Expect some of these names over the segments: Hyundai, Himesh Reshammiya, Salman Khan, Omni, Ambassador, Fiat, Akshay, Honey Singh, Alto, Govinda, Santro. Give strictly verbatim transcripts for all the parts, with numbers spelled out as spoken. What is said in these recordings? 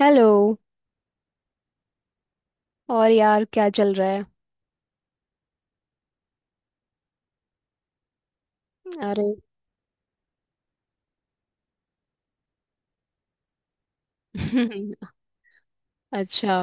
Hello. और यार क्या चल रहा है? अरे। अच्छा।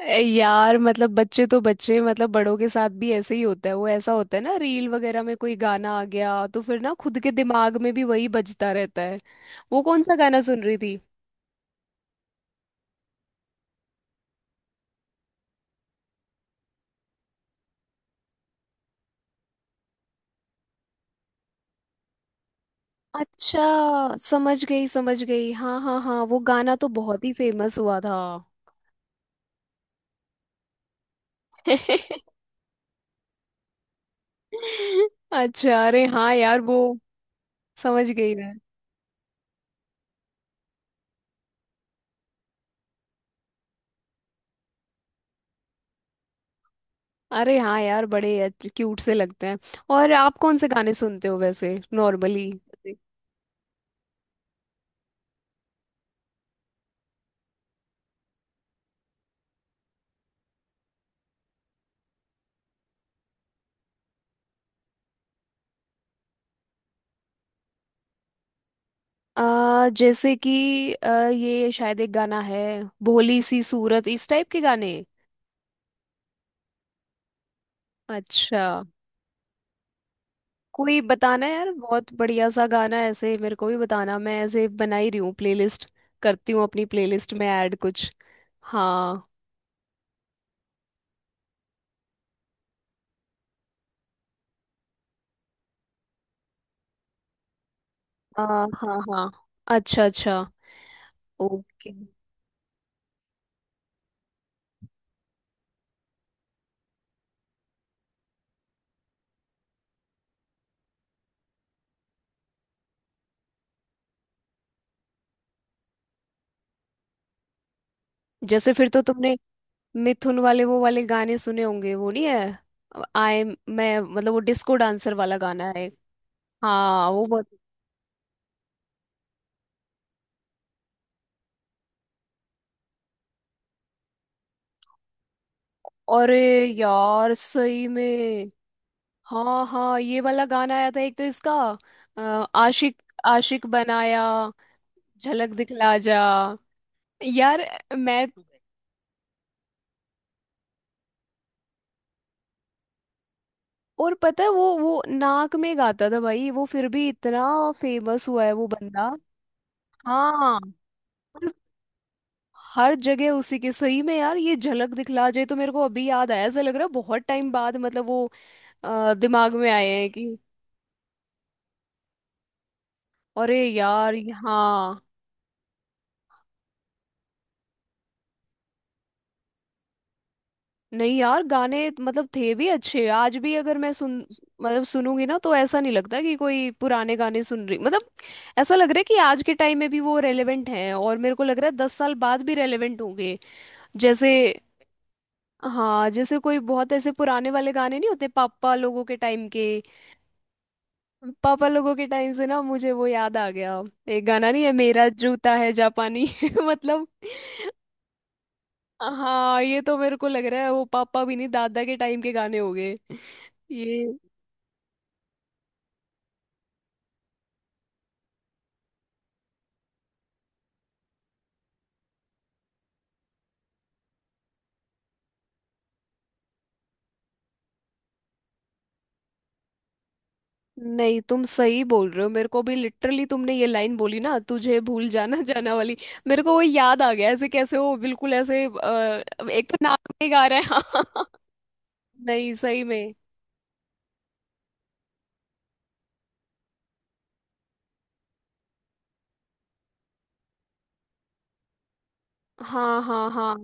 ए, यार मतलब बच्चे तो बच्चे, मतलब बड़ों के साथ भी ऐसे ही होता है, वो ऐसा होता है ना रील वगैरह में कोई गाना आ गया तो फिर ना खुद के दिमाग में भी वही बजता रहता है। वो कौन सा गाना सुन रही थी? अच्छा। समझ गई समझ गई, हाँ हाँ हाँ, वो गाना तो बहुत ही फेमस हुआ था। अच्छा, अरे हाँ यार वो समझ गई। अरे हाँ यार, बड़े क्यूट से लगते हैं। और आप कौन से गाने सुनते हो वैसे नॉर्मली? आ, जैसे कि आ, ये शायद एक गाना है, भोली सी सूरत, इस टाइप के गाने। अच्छा। कोई बताना यार, बहुत बढ़िया सा गाना है, ऐसे मेरे को भी बताना, मैं ऐसे बना ही रही हूँ प्लेलिस्ट, करती हूँ अपनी प्लेलिस्ट में ऐड कुछ। हाँ। आ, हाँ हाँ। अच्छा अच्छा। ओके। जैसे फिर तो तुमने मिथुन वाले वो वाले गाने सुने होंगे, वो नहीं है? आई मैं मतलब वो डिस्को डांसर वाला गाना है एक। हाँ वो बहुत। अरे यार सही में। हाँ हाँ ये वाला गाना आया था एक, तो इसका अ, आशिक, आशिक बनाया, झलक दिखला जा। यार मैं। और पता है वो वो नाक में गाता था भाई, वो फिर भी इतना फेमस हुआ है वो बंदा। हाँ हर जगह उसी के, सही में यार ये झलक दिखला जाए तो मेरे को अभी याद आया, ऐसा लग रहा है बहुत टाइम बाद मतलब वो अ, दिमाग में आए हैं कि। अरे यार ये- हाँ। नहीं यार, गाने मतलब थे भी अच्छे, आज भी अगर मैं सुन मतलब सुनूंगी ना तो ऐसा नहीं लगता कि कोई पुराने गाने सुन रही, मतलब ऐसा लग रहा है कि आज के टाइम में भी वो रेलेवेंट हैं, और मेरे को लग रहा है दस साल बाद भी रेलेवेंट होंगे। जैसे हाँ, जैसे कोई बहुत ऐसे पुराने वाले गाने नहीं होते पापा लोगों के टाइम के। पापा लोगों के टाइम से ना मुझे वो याद आ गया, एक गाना नहीं है मेरा जूता है जापानी। मतलब हाँ, ये तो मेरे को लग रहा है वो पापा भी नहीं दादा के टाइम के गाने हो गए ये। नहीं तुम सही बोल रहे हो, मेरे को भी लिटरली तुमने ये लाइन बोली ना तुझे भूल जाना जाना वाली, मेरे को वो याद आ गया, ऐसे कैसे हो बिल्कुल, ऐसे अ, एक तो नाक में गा रहे हैं। नहीं सही में, हाँ हाँ हाँ।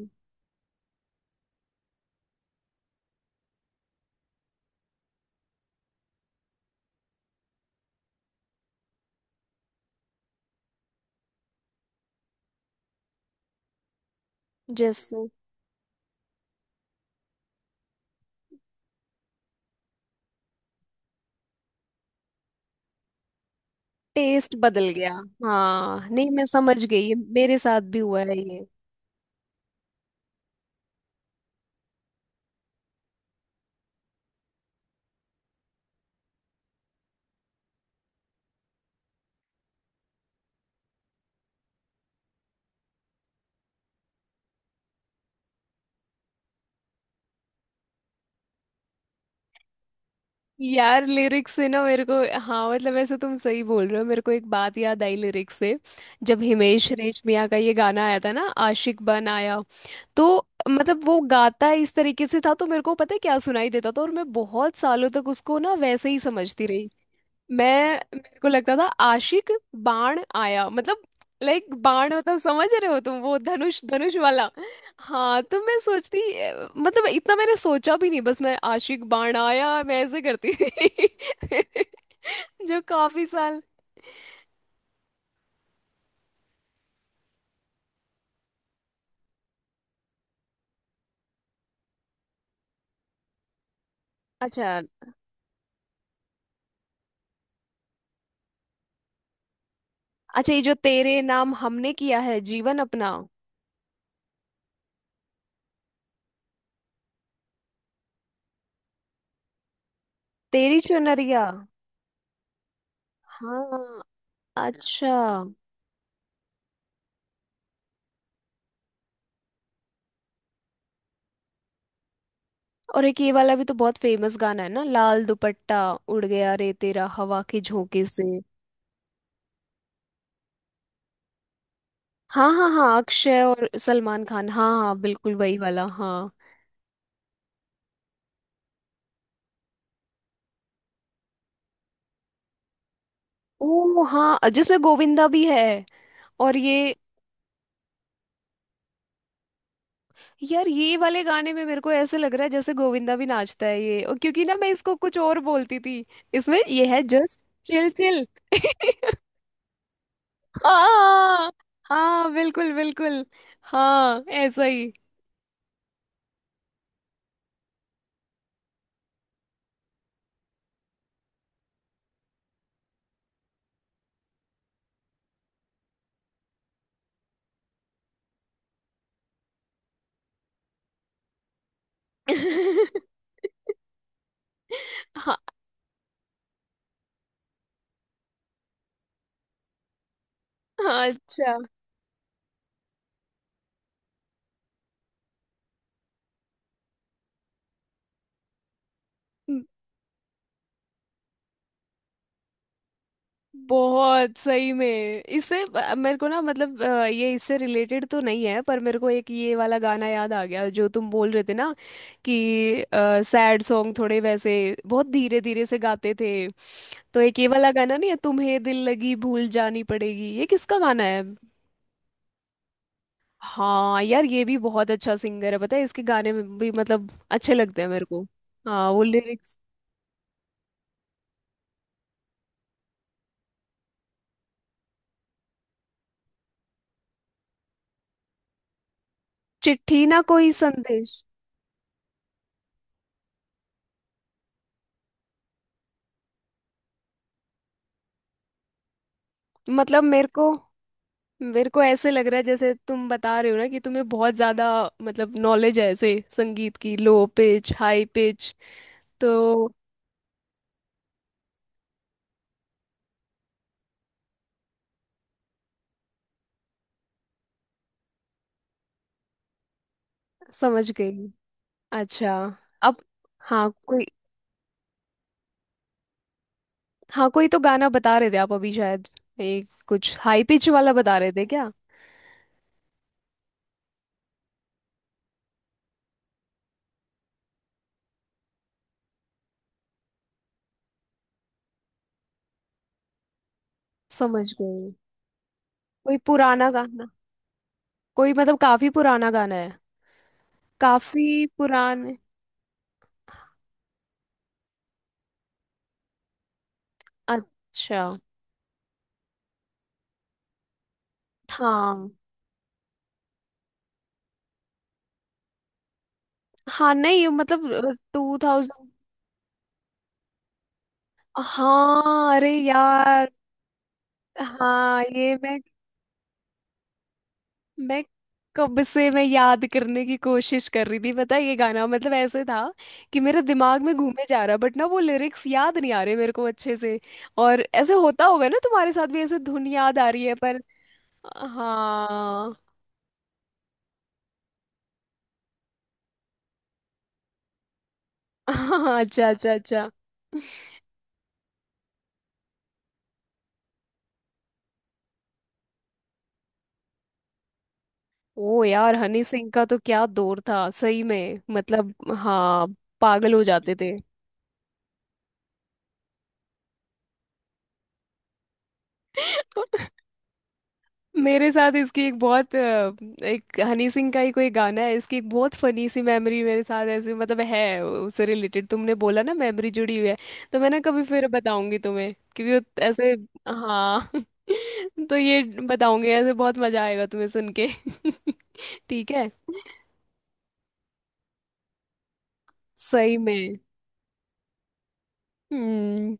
जैसे टेस्ट बदल गया, हाँ नहीं मैं समझ गई, ये मेरे साथ भी हुआ है ये। यार लिरिक्स से ना मेरे को, हाँ मतलब ऐसे तुम सही बोल रहे हो, मेरे को एक बात याद आई लिरिक्स से। जब हिमेश रेशमिया का ये गाना आया था ना, आशिक बन आया, तो मतलब वो गाता इस तरीके से था तो मेरे को पता है क्या सुनाई देता था, और मैं बहुत सालों तक उसको ना वैसे ही समझती रही। मैं, मेरे को लगता था आशिक बाण आया, मतलब लाइक बाण, मतलब समझ रहे हो तुम, वो धनुष, धनुष वाला। हाँ तो मैं सोचती अ, मतलब इतना मैंने सोचा भी नहीं, बस मैं आशिक बाण आया मैं ऐसे करती थी। जो काफी साल। अच्छा अच्छा। ये जो तेरे नाम हमने किया है जीवन अपना, तेरी चुनरिया, हाँ अच्छा। और एक ये वाला भी तो बहुत फेमस गाना है ना, लाल दुपट्टा उड़ गया रे तेरा हवा के झोंके से। हाँ हाँ हाँ, अक्षय और सलमान खान, हाँ हाँ बिल्कुल वही वाला, हाँ। ओ हाँ जिसमें गोविंदा भी है, और ये यार ये वाले गाने में मेरे को ऐसे लग रहा है जैसे गोविंदा भी नाचता है ये, और क्योंकि ना मैं इसको कुछ और बोलती थी। इसमें ये है जस्ट चिल चिल। हाँ हाँ बिल्कुल बिल्कुल। हाँ ऐसा ही। हाँ हाँ, अच्छा। बहुत सही में, इससे अ, मेरे को ना, मतलब अ, ये इससे रिलेटेड तो नहीं है, पर मेरे को एक ये वाला गाना याद आ गया जो तुम बोल रहे थे ना कि सैड सॉन्ग थोड़े वैसे बहुत धीरे धीरे से गाते थे। तो एक ये वाला गाना नहीं है, तुम्हें दिल लगी भूल जानी पड़ेगी, ये किसका गाना है? हाँ यार ये भी बहुत अच्छा सिंगर है, पता है इसके गाने में भी मतलब अच्छे लगते हैं मेरे को। हाँ वो लिरिक्स। चिट्ठी ना कोई संदेश। मतलब मेरे को, मेरे को ऐसे लग रहा है जैसे तुम बता रहे हो ना कि तुम्हें बहुत ज्यादा, मतलब नॉलेज है ऐसे संगीत की, लो पिच हाई पिच, तो समझ गई। अच्छा अब। हाँ कोई। हाँ कोई तो गाना बता रहे थे आप अभी शायद, एक कुछ हाई पिच वाला बता रहे थे क्या? समझ गई। कोई पुराना गाना? कोई मतलब काफी पुराना गाना है, काफी पुराने। अच्छा हाँ। हाँ नहीं मतलब टू थाउजेंड। हाँ अरे यार। हाँ ये मैं मैं कब से मैं याद करने की कोशिश कर रही थी, पता है ये गाना मतलब ऐसे था कि मेरे दिमाग में घूमे जा रहा, बट ना वो लिरिक्स याद नहीं आ रहे मेरे को अच्छे से। और ऐसे होता होगा ना तुम्हारे साथ भी, ऐसे धुन याद आ रही है पर, हाँ। हाँ अच्छा अच्छा अच्छा। ओ यार हनी सिंह का तो क्या दौर था, सही में मतलब हाँ, पागल हो जाते थे। मेरे साथ इसकी एक बहुत अ, एक हनी सिंह का ही कोई गाना है, इसकी एक बहुत फनी सी मेमोरी मेरे साथ ऐसे मतलब है उससे रिलेटेड, तुमने बोला ना मेमोरी जुड़ी हुई है, तो मैं ना कभी फिर बताऊंगी तुम्हें, क्योंकि वो ऐसे, हाँ। तो ये बताऊंगी, ऐसे बहुत मजा आएगा तुम्हें सुन के। ठीक है सही में। हम्म।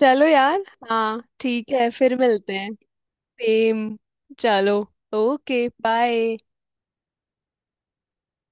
चलो यार। हाँ ठीक है फिर मिलते हैं। सेम। चलो। Okay bye.